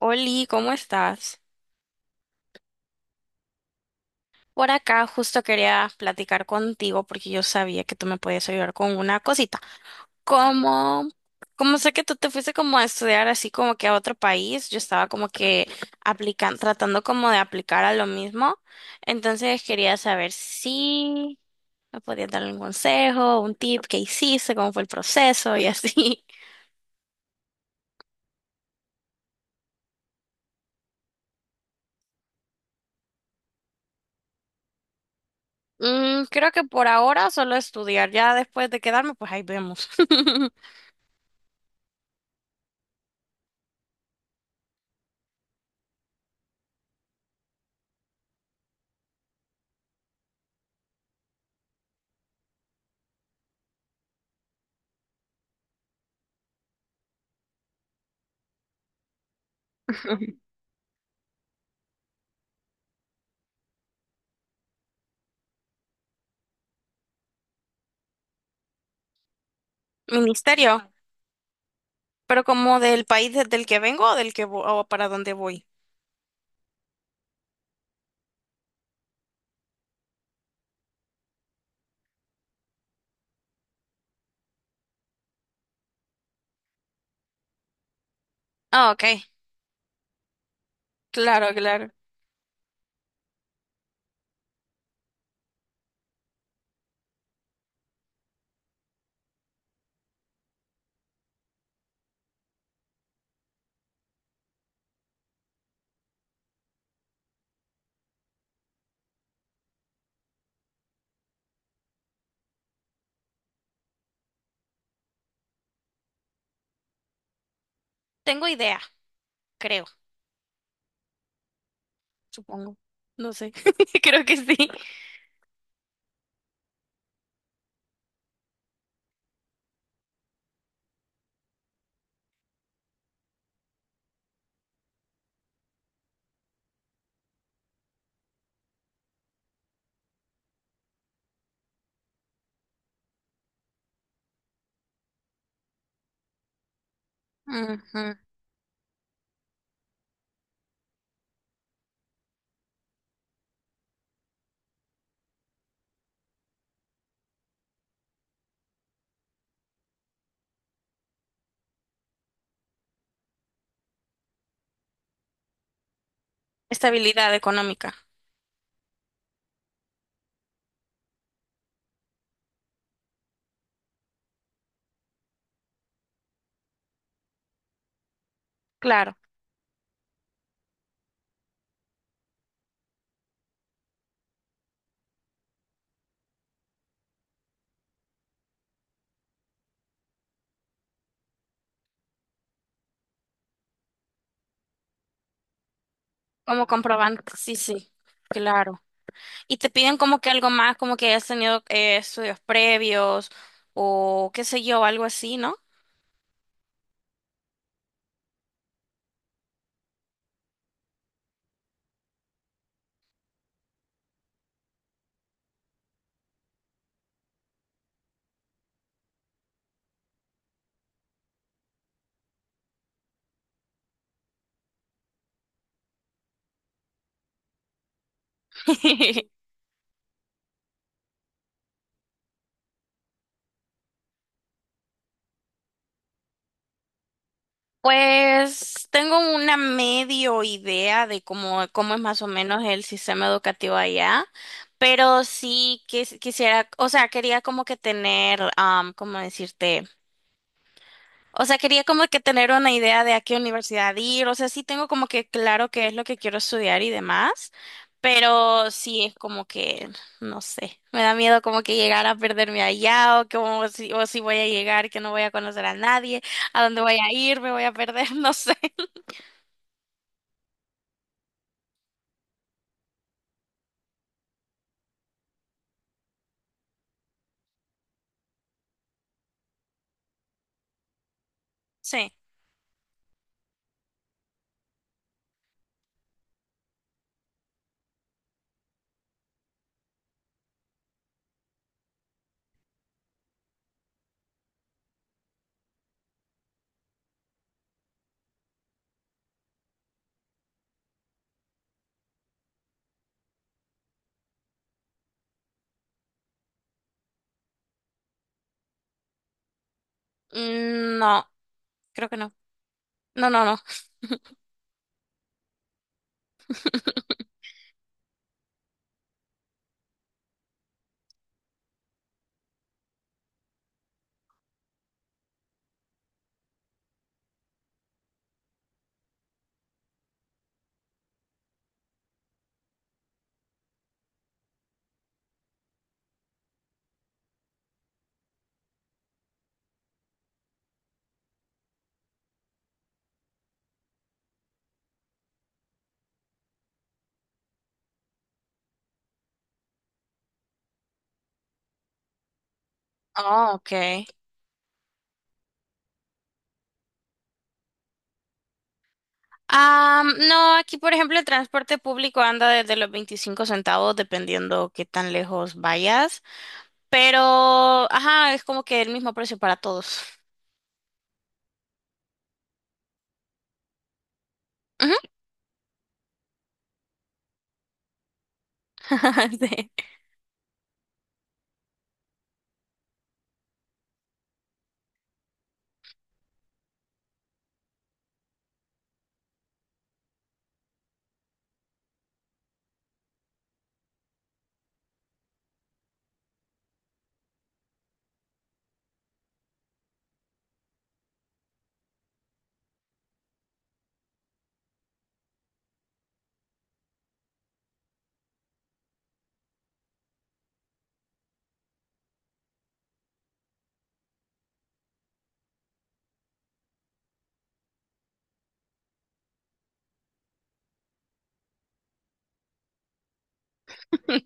Oli, ¿cómo estás? Por acá justo quería platicar contigo porque yo sabía que tú me podías ayudar con una cosita. Como, como sé que tú te fuiste como a estudiar así como que a otro país, yo estaba como que aplicando, tratando como de aplicar a lo mismo. Entonces quería saber si me podías dar un consejo, un tip, qué hiciste, cómo fue el proceso y así. Mm, creo que por ahora solo estudiar, ya después de quedarme, pues ahí vemos. Ministerio. Pero como del país del que vengo o del que o para dónde voy. Ah, ok. Claro, claro. Tengo idea, creo, supongo. No sé. Creo que sí. Ujú. Estabilidad económica. Claro. Como comprobante. Sí, sí. Claro. Y te piden como que algo más, como que hayas tenido estudios previos o qué sé yo, algo así, ¿no? Pues tengo una medio idea de cómo es más o menos el sistema educativo allá, pero sí quisiera, o sea, quería como que tener, ¿cómo decirte? O sea, quería como que tener una idea de a qué universidad ir, o sea, sí tengo como que claro qué es lo que quiero estudiar y demás, pero sí es como que, no sé, me da miedo como que llegar a perderme allá o como si, o si voy a llegar, que no voy a conocer a nadie, a dónde voy a ir, me voy a perder, no sé. Sí. Mm, no, creo que no. No, no, no. Oh, ok. No, aquí por ejemplo el transporte público anda desde los 25 centavos dependiendo qué tan lejos vayas, pero ajá, es como que el mismo precio para todos. Ujú. Sí.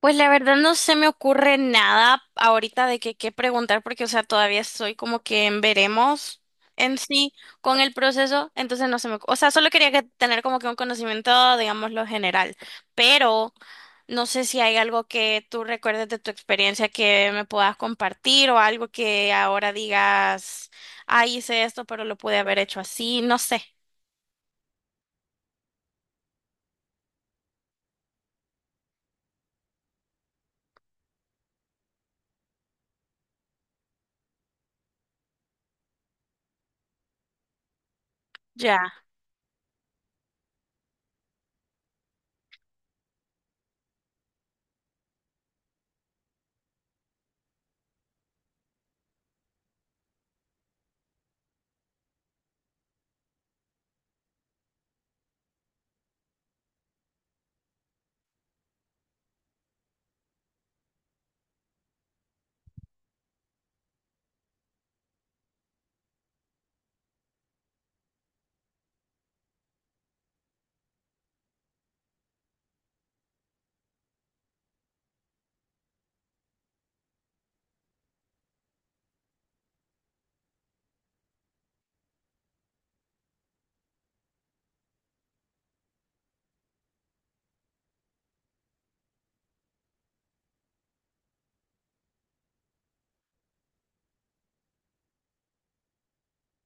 Pues la verdad no se me ocurre nada ahorita de que qué preguntar porque, o sea, todavía estoy como que en veremos en sí con el proceso, entonces no se me, o sea, solo quería que tener como que un conocimiento, digamos, lo general, pero no sé si hay algo que tú recuerdes de tu experiencia que me puedas compartir o algo que ahora digas, ah, hice esto, pero lo pude haber hecho así, no sé, ya,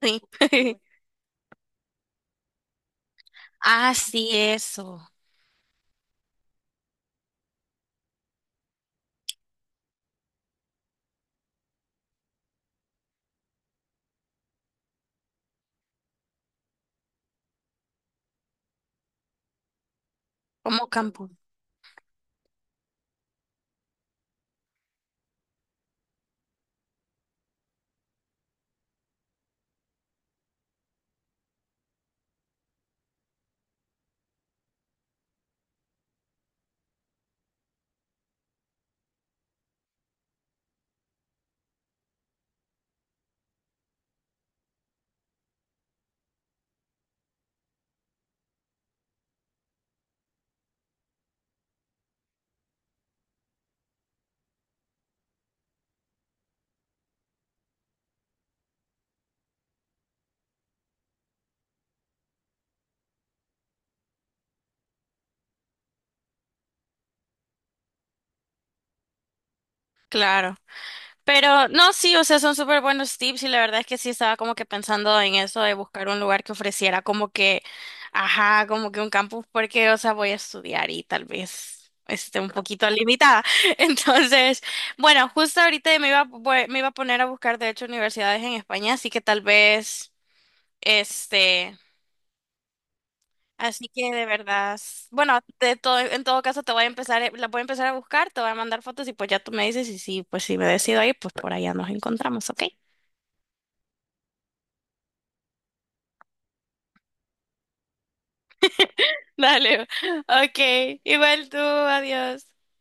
sí. Ah, sí, eso, como campo, claro. Pero no, sí, o sea, son súper buenos tips y la verdad es que sí estaba como que pensando en eso de buscar un lugar que ofreciera como que, ajá, como que un campus porque, o sea, voy a estudiar y tal vez esté un poquito limitada. Entonces, bueno, justo ahorita me iba, me iba a poner a buscar, de hecho, universidades en España, así que tal vez, este, así que de verdad, bueno, de todo, en todo caso te voy a empezar, la voy a empezar a buscar, te voy a mandar fotos y pues ya tú me dices y sí, pues si me decido ahí, pues por allá nos encontramos, ¿ok? Dale, ok, igual tú, adiós.